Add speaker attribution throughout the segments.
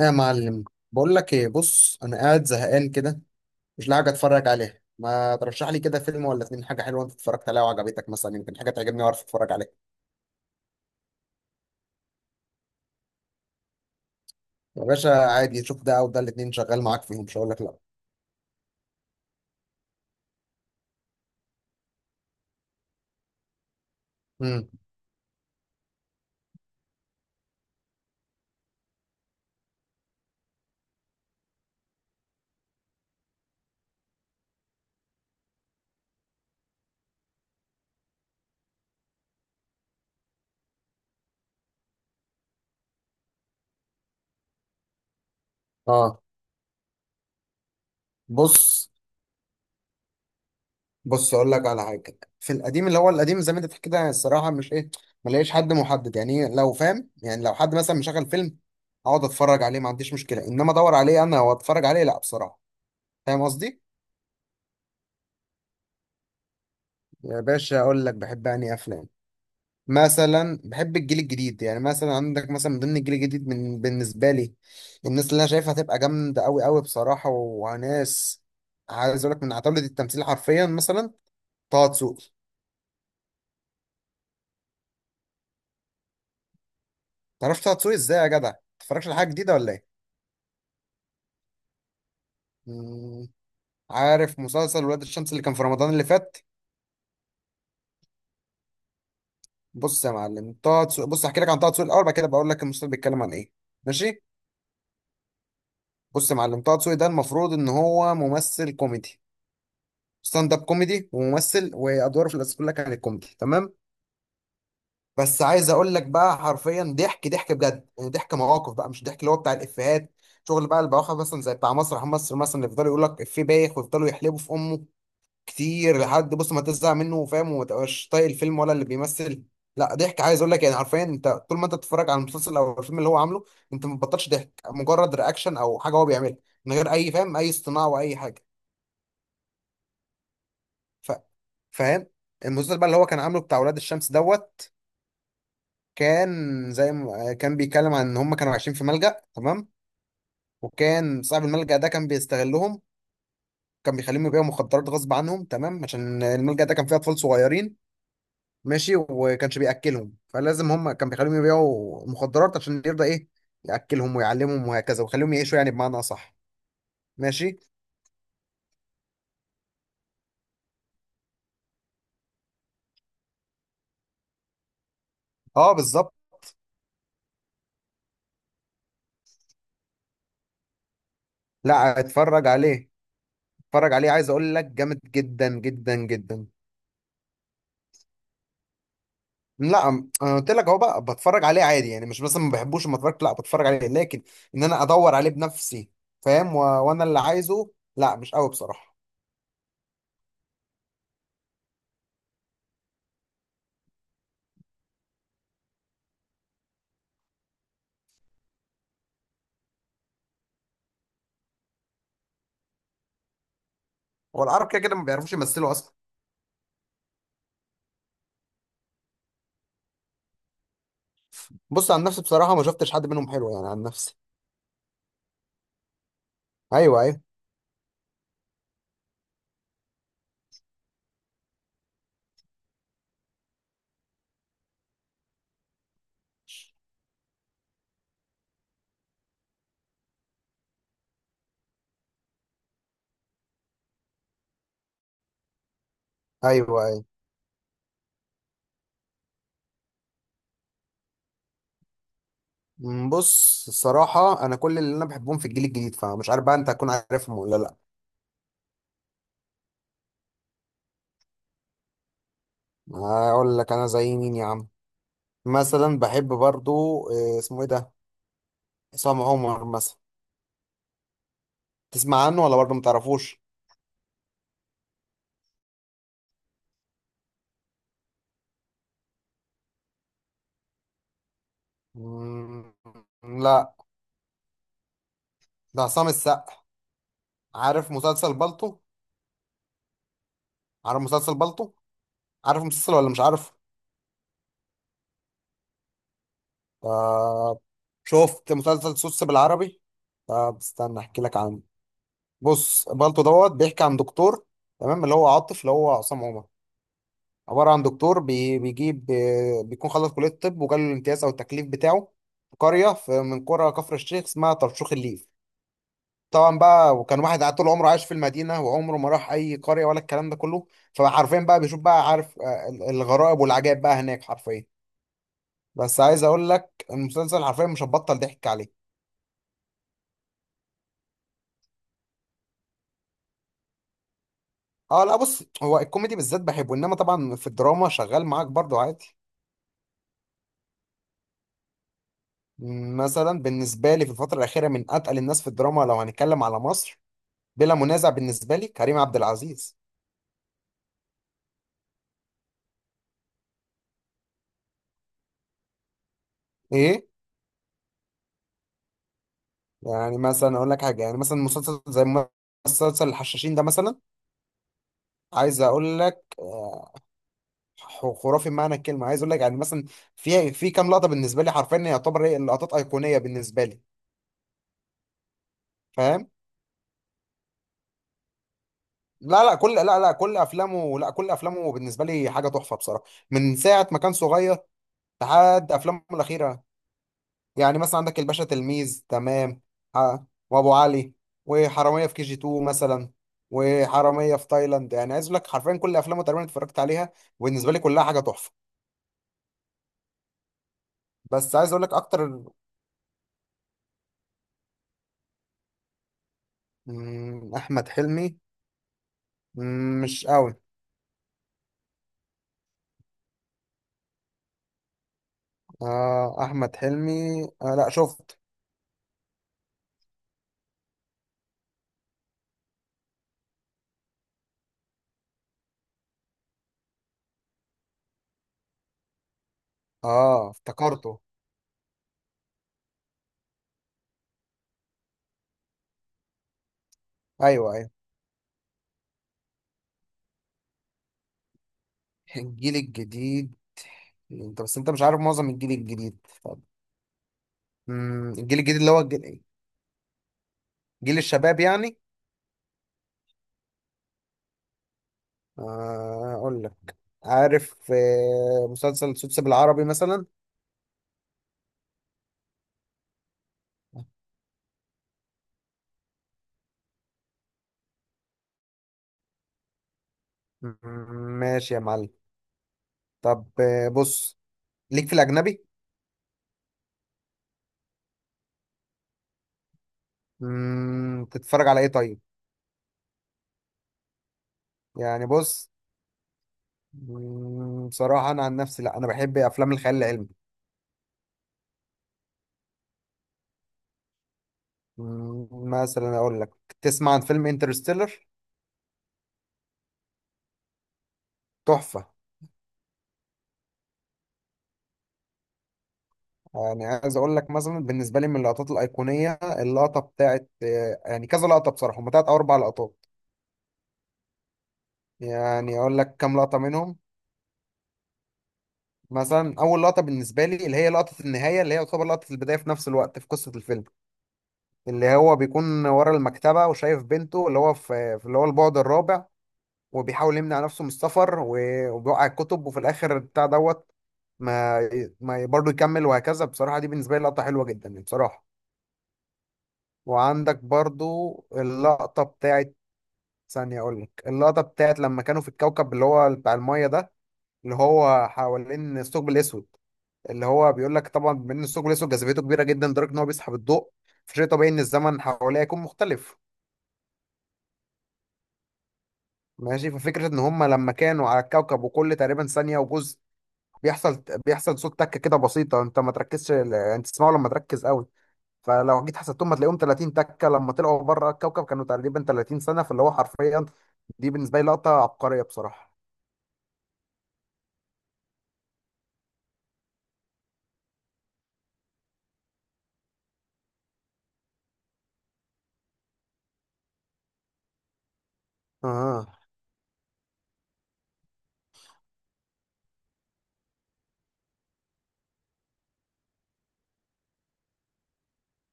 Speaker 1: ايه يا معلم. بقول لك ايه، بص انا قاعد زهقان كده، مش لاقي حاجه اتفرج عليها. ما ترشح لي كده فيلم ولا اتنين، حاجه حلوه انت اتفرجت عليها وعجبتك، مثلا يمكن حاجه تعجبني واعرف اتفرج عليها. يا باشا عادي، شوف ده او ده، الاتنين شغال معاك، فيهم مش هقول لك لا. امم اه. بص، اقول لك على حاجه في القديم، اللي هو القديم زي ما انت بتحكي ده، الصراحه مش ايه، ما لاقيش حد محدد. يعني إيه، لو فاهم يعني، لو حد مثلا مشغل فيلم اقعد اتفرج عليه، ما عنديش مشكله، انما ادور عليه انا واتفرج عليه، لا بصراحه. فاهم قصدي؟ يا باشا اقول لك بحب انهي افلام. مثلا بحب الجيل الجديد، يعني مثلا عندك مثلا من ضمن الجيل الجديد من بالنسبه لي، الناس اللي انا شايفها هتبقى جامده قوي قوي بصراحه. وناس عايز اقول لك من عتاولة التمثيل حرفيا، مثلا طه دسوقي. تعرفش طه دسوقي ازاي يا جدع؟ متتفرجش على حاجه جديده ولا ايه؟ مم، عارف مسلسل ولاد الشمس اللي كان في رمضان اللي فات؟ بص يا معلم، طه دسوقي، بص احكي لك عن طه دسوقي الاول، بعد كده بقول لك المسلسل بيتكلم عن ايه. ماشي. بص يا معلم، طه دسوقي ده المفروض ان هو ممثل كوميدي، ستاند اب كوميدي وممثل، وادواره في الاساس كلها كانت كوميدي تمام. بس عايز اقول لك بقى حرفيا ضحك، ضحك بجد، يعني ضحك مواقف بقى، مش ضحك اللي هو بتاع الافيهات، شغل بقى البواخر مثلا زي بتاع مسرح مصر مثلا، اللي يفضلوا يقول لك افيه بايخ ويفضلوا يحلبوا في امه كتير لحد بص ما تزهق منه وفاهم وما تبقاش طايق الفيلم ولا اللي بيمثل. لا، ضحك، عايز اقول لك يعني حرفيا انت طول ما انت بتتفرج على المسلسل او الفيلم اللي هو عامله، انت ما بتبطلش ضحك، مجرد رياكشن او حاجه هو بيعملها من غير اي، فاهم، اي اصطناع واي حاجه. ف... فاهم؟ المسلسل بقى اللي هو كان عامله بتاع ولاد الشمس دوت، كان زي ما آه، كان بيتكلم عن ان هم كانوا عايشين في ملجأ تمام، وكان صاحب الملجأ ده كان بيستغلهم، كان بيخليهم يبيعوا مخدرات غصب عنهم تمام، عشان الملجأ ده كان فيه اطفال صغيرين، ماشي، وكانش بياكلهم، فلازم هم كان بيخليهم يبيعوا مخدرات عشان يرضى ايه، ياكلهم ويعلمهم وهكذا ويخليهم يعيشوا يعني بمعنى اصح. ماشي. اه بالظبط. لا اتفرج عليه، اتفرج عليه، عايز اقول لك جامد جدا جدا جدا. لا، انا قلت لك اهو بقى، بتفرج عليه عادي، يعني مش مثلا ما بحبوش، لما اتفرجت لا بتفرج عليه، لكن ان انا ادور عليه بنفسي، فاهم، وانا اللي عايزه، لا مش قوي بصراحه. هو العرب كده كده ما بيعرفوش يمثلوا اصلا. بص عن نفسي بصراحه ما شفتش حد منهم حلو، يعني عن نفسي. ايوه ايوه. ايوه ايوه. أمم، بص الصراحه انا كل اللي انا بحبهم في الجيل الجديد، فمش عارف بقى انت هتكون عارفهم ولا لا. هقول لك انا زي مين يا عم. مثلا بحب برضو آه، اسمه ايه ده، عصام عمر مثلا. تسمع عنه ولا برضو ما تعرفوش؟ مم، لا، ده عصام السقا. عارف مسلسل بالطو؟ عارف مسلسل بالطو؟ عارف مسلسل ولا مش عارف؟ طب شفت مسلسل سوس بالعربي؟ طب استنى احكي لك عنه. بص، بالطو دوت بيحكي عن دكتور، تمام، اللي هو عاطف اللي هو عصام عمر، عبارة عن دكتور بيجيب بيكون خلص كلية الطب وجاله الامتياز أو التكليف بتاعه في قرية من قرى كفر الشيخ اسمها طرشوخ الليل. طبعا بقى، وكان واحد قاعد طول عمره عايش في المدينه وعمره ما راح اي قريه ولا الكلام ده كله، فعارفين بقى، بيشوف بقى، عارف آه، الغرائب والعجائب بقى هناك حرفيا. بس عايز اقول لك المسلسل حرفيا مش هتبطل ضحك عليه. اه لا، بص، هو الكوميدي بالذات بحبه، انما طبعا في الدراما شغال معاك برضو عادي. مثلا بالنسبه لي في الفتره الاخيره من اتقل الناس في الدراما، لو هنتكلم على مصر بلا منازع بالنسبه لي كريم عبد العزيز. ايه. يعني مثلا اقول لك حاجه، يعني مثلا مسلسل زي مسلسل الحشاشين ده مثلا، عايز اقول لك آه، خرافي بمعنى الكلمه. عايز اقول لك يعني مثلا في كام لقطه بالنسبه لي حرفيا يعتبر هي اللقطات ايقونيه بالنسبه لي. فاهم. لا لا كل، لا لا كل افلامه، لا كل افلامه بالنسبه لي حاجه تحفه بصراحه، من ساعه ما كان صغير لحد افلامه الاخيره. يعني مثلا عندك الباشا تلميذ تمام، آه، وابو علي، وحراميه في كي جي 2 مثلا، وحراميه في تايلاند، يعني عايز اقول لك حرفيا كل افلامه تقريبا اتفرجت عليها، وبالنسبه لي كلها حاجه تحفه. بس عايز اقول لك اكتر. مم، احمد حلمي، مم، مش قوي. آه احمد حلمي، آه لا شفت. اه افتكرته. ايوه ايوه. الجيل الجديد، انت بس انت مش عارف معظم الجيل الجديد. طب مم، الجيل الجديد اللي هو الجيل, جيل الشباب يعني. آه اقول لك، عارف آه مسلسل سوتس بالعربي مثلا؟ مم، ماشي يا معلم. طب آه، بص، ليك في الاجنبي؟ مم، تتفرج على ايه طيب؟ يعني بص، مم، بصراحة أنا عن نفسي لأ، أنا بحب أفلام الخيال العلمي. مم، مثلا أقول لك، تسمع عن فيلم انترستيلر؟ تحفة. يعني عايز أقول لك مثلا بالنسبة لي من اللقطات الأيقونية، اللقطة بتاعت آه، يعني كذا لقطة بصراحة، هما تلات أو أربع لقطات. يعني أقول لك كام لقطة منهم. مثلا أول لقطة بالنسبة لي اللي هي لقطة النهاية، اللي هي يعتبر لقطة البداية في نفس الوقت في قصة الفيلم، اللي هو بيكون ورا المكتبة وشايف بنته، اللي هو في اللي هو البعد الرابع، وبيحاول يمنع نفسه من السفر وبيوقع الكتب وفي الاخر بتاع دوت، ما ما برضه يكمل وهكذا، بصراحة دي بالنسبة لي لقطة حلوة جدا يعني بصراحة. وعندك برضه اللقطة بتاعت، ثانية أقول لك، اللقطة بتاعت لما كانوا في الكوكب اللي هو بتاع المية ده، اللي هو حوالين الثقب الأسود، اللي هو بيقول لك طبعا بما إن الثقب الأسود جاذبيته كبيرة جدا لدرجة إن هو بيسحب الضوء، فشيء طبيعي إن الزمن حواليه يكون مختلف. ماشي، ففكرة إن هما لما كانوا على الكوكب، وكل تقريبا ثانية وجزء بيحصل صوت تكه كده بسيطه انت ما تركزش، انت تسمعه لما تركز قوي، فلو جيت حسبتهم هتلاقيهم 30 تكه، لما طلعوا بره الكوكب كانوا تقريبا 30 سنه، فاللي هو حرفيا دي بالنسبه لي لقطه عبقريه بصراحه. اه.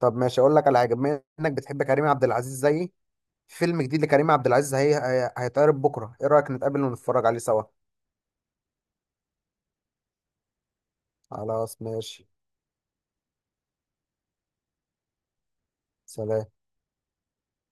Speaker 1: طب ماشي، اقول لك على حاجه، بما انك بتحب كريم عبد العزيز زيي، فيلم جديد لكريم عبد العزيز هيتعرض بكره، ايه رايك نتقابل ونتفرج عليه سوا؟ خلاص ماشي. سلام.